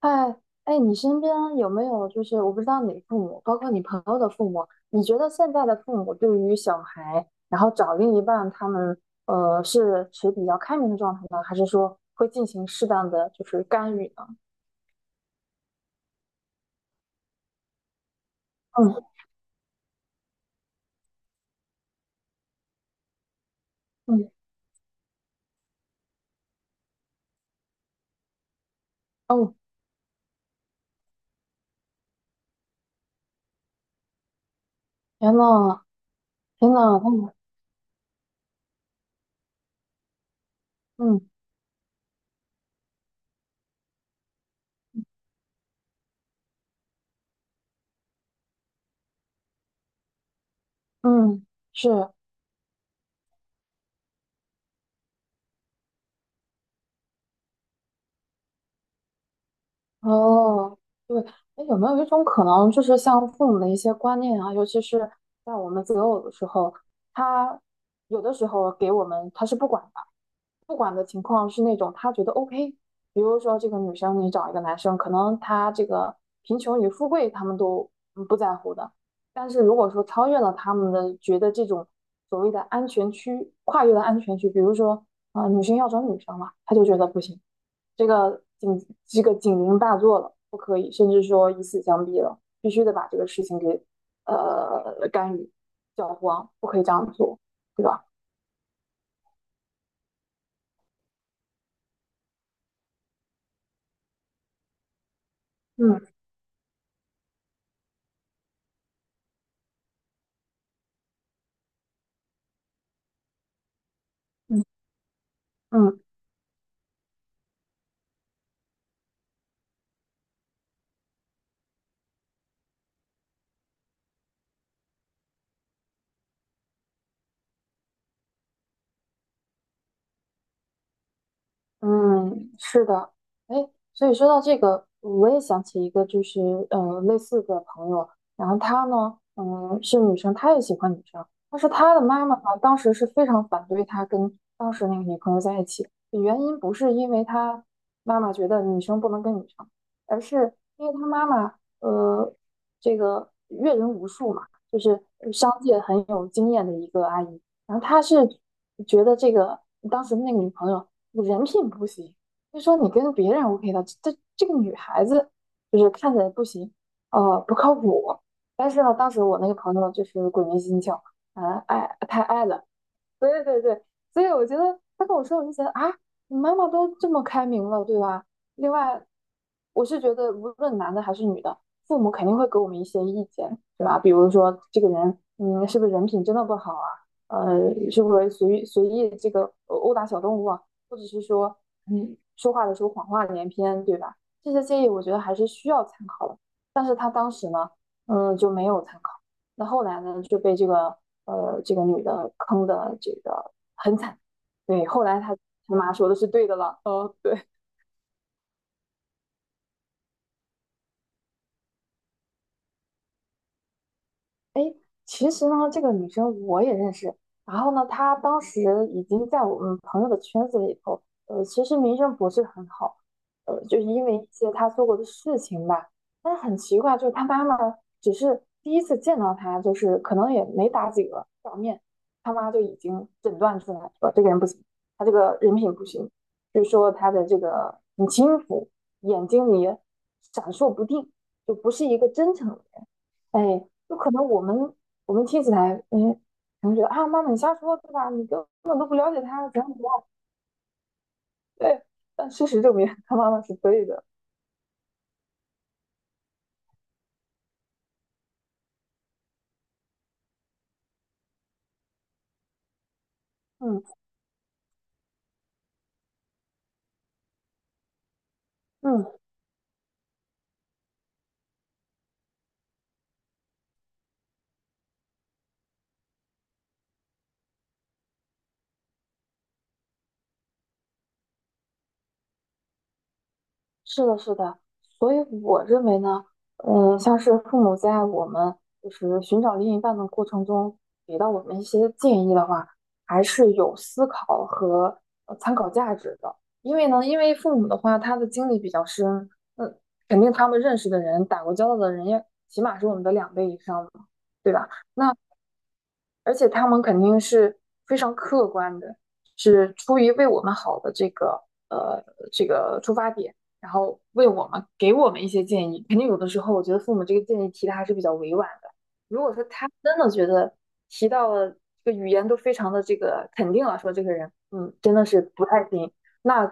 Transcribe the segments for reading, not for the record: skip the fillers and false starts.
哎哎，你身边有没有就是我不知道你的父母，包括你朋友的父母，你觉得现在的父母对于小孩，然后找另一半，他们是持比较开明的状态呢，还是说会进行适当的就是干预呢？嗯嗯。哦，天呐天呐，嗯嗯嗯，是。哦，对。哎，有没有一种可能，就是像父母的一些观念啊，尤其是在我们择偶的时候，他有的时候给我们他是不管的，不管的情况是那种他觉得 OK，比如说这个女生你找一个男生，可能他这个贫穷与富贵他们都不在乎的，但是如果说超越了他们的觉得这种所谓的安全区，跨越了安全区，比如说啊、女生要找女生了，他就觉得不行。这个警这个警铃大作了，不可以，甚至说以死相逼了，必须得把这个事情给干预、搅黄，不可以这样做，对吧？嗯嗯，嗯，是的。哎，所以说到这个，我也想起一个，就是类似的朋友。然后她呢，是女生，她也喜欢女生，但是她的妈妈呢，当时是非常反对她跟当时那个女朋友在一起，原因不是因为她妈妈觉得女生不能跟女生，而是因为她妈妈，呃，这个阅人无数嘛，就是商界很有经验的一个阿姨，然后他是觉得这个当时那个女朋友人品不行，就说你跟别人 OK 的，这个女孩子就是看起来不行，不靠谱。但是呢，当时我那个朋友就是鬼迷心窍，太爱了。对对对，所以我觉得他跟我说，我就觉得啊，你妈妈都这么开明了，对吧？另外，我是觉得无论男的还是女的，父母肯定会给我们一些意见，对吧？比如说这个人，是不是人品真的不好啊？呃，是不是随意随意这个殴打小动物啊？或者是说，说话的时候谎话连篇，对吧？这些建议我觉得还是需要参考的，但是他当时呢，就没有参考。那后来呢，就被这个这个女的坑的这个很惨。对，后来他妈说的是对的了。哦，对。诶，其实呢，这个女生我也认识。然后呢，她当时已经在我们朋友的圈子里头，其实名声不是很好，就是因为一些她做过的事情吧。但是很奇怪，就是她妈妈只是第一次见到她，就是可能也没打几个照面，她妈就已经诊断出来说这个人不行，她这个人品不行，就是说她的这个很轻浮，眼睛里闪烁不定，就不是一个真诚。哎，就可能我们听起来，可能觉得啊，妈妈你瞎说对吧？你根本都不了解他，怎样怎样。对，但事实证明他妈妈是对的。嗯嗯。是的，是的，所以我认为呢，像是父母在我们就是寻找另一半的过程中，给到我们一些建议的话，还是有思考和参考价值的。因为父母的话，他的经历比较深，那肯定他们认识的人、打过交道的人也起码是我们的两倍以上嘛，对吧？那而且他们肯定是非常客观的，是出于为我们好的呃这个出发点。然后为我们给我们一些建议。肯定有的时候，我觉得父母这个建议提的还是比较委婉的。如果说他真的觉得提到了这个语言都非常的这个肯定了，说这个人，真的是不太行，那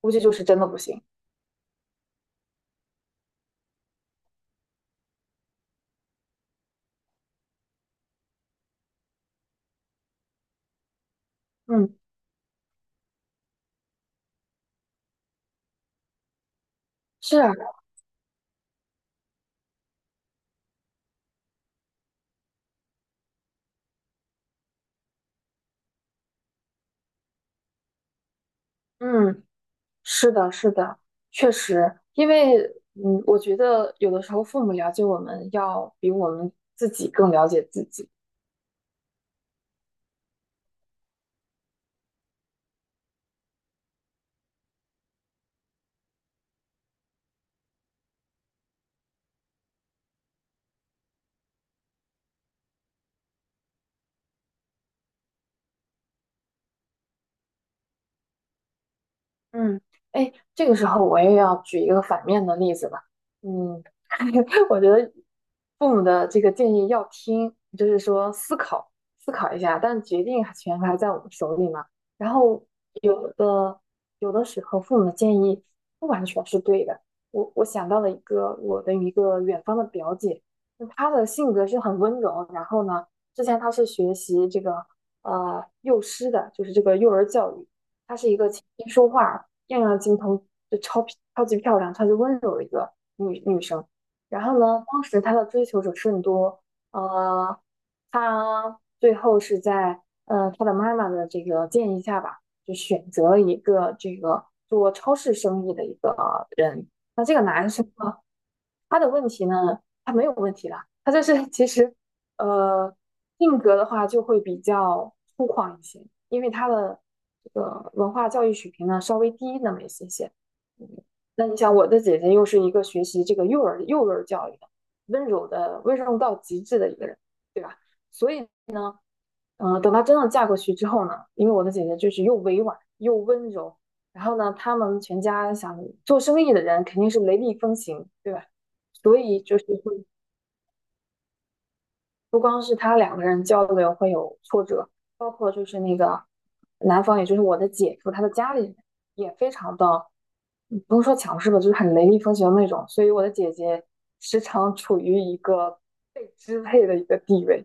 估计就是真的不行。嗯，是啊。嗯，是的，是的，确实。因为我觉得有的时候父母了解我们要比我们自己更了解自己。嗯。哎，这个时候我也要举一个反面的例子吧。嗯，我觉得父母的这个建议要听，就是说思考思考一下，但决定权还在我们手里嘛。然后有的有的时候父母的建议不完全是对的。我想到了一个我的一个远方的表姐，那她的性格是很温柔，然后呢，之前她是学习这个幼师的，就是这个幼儿教育。她是一个琴棋书画样样精通，就超级漂亮、超级温柔的一个女生。然后呢，当时她的追求者甚多，呃，她最后是在她的妈妈的这个建议下吧，就选择了一个这个做超市生意的一个人。那这个男生他的问题呢，他没有问题的，他就是其实，呃，性格的话就会比较粗犷一些，因为他的这个文化教育水平呢稍微低那么一些些。嗯那你想，我的姐姐又是一个学习这个幼儿教育的，温柔到极致的一个人，对吧？所以。嗯，等她真的嫁过去之后呢，因为我的姐姐就是又委婉又温柔，然后呢，他们全家想做生意的人肯定是雷厉风行，对吧？所以就是会不光是他两个人交流会有挫折，包括就是那个男方，也就是我的姐夫，他的家里人也非常的，不用说强势吧，就是很雷厉风行的那种。所以我的姐姐时常处于一个被支配的一个地位。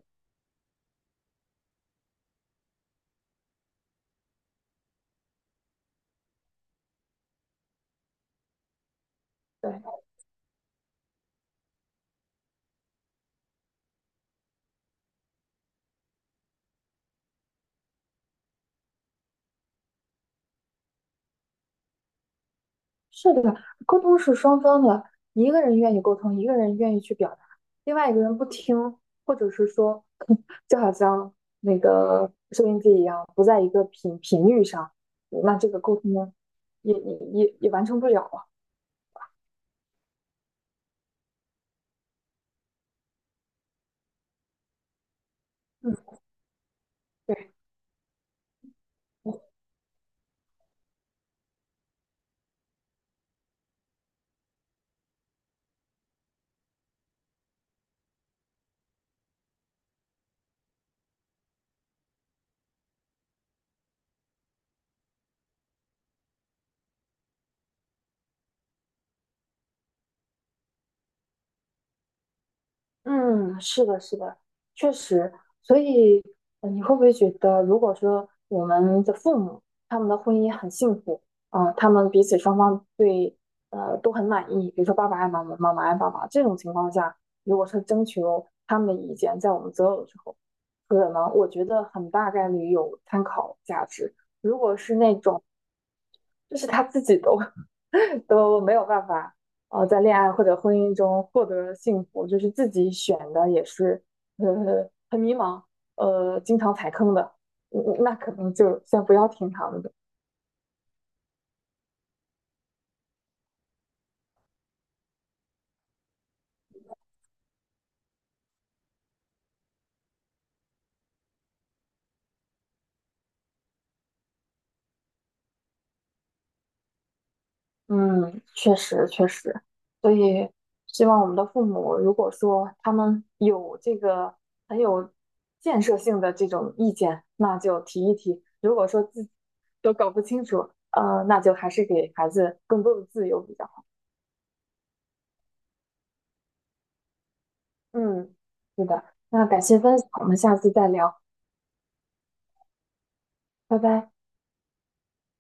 对。是的，沟通是双方的，一个人愿意沟通，一个人愿意去表达，另外一个人不听，或者是说，就好像那个收音机一样，不在一个频率上，那这个沟通呢也完成不了啊。嗯，对。嗯，是的，是的，确实。所以，你会不会觉得，如果说我们的父母他们的婚姻很幸福，他们彼此双方都很满意，比如说爸爸爱妈妈，妈妈爱爸爸这种情况下，如果是征求他们的意见，在我们择偶的时候，可能我觉得很大概率有参考价值。如果是那种就是他自己都 都没有办法在恋爱或者婚姻中获得幸福，就是自己选的也是很迷茫，经常踩坑的，那可能就先不要听他们的。嗯，确实确实，所以希望我们的父母，如果说他们有这个很有建设性的这种意见，那就提一提；如果说自己都搞不清楚，那就还是给孩子更多的自由比较好。嗯，是的，那感谢分享，我们下次再聊，拜拜。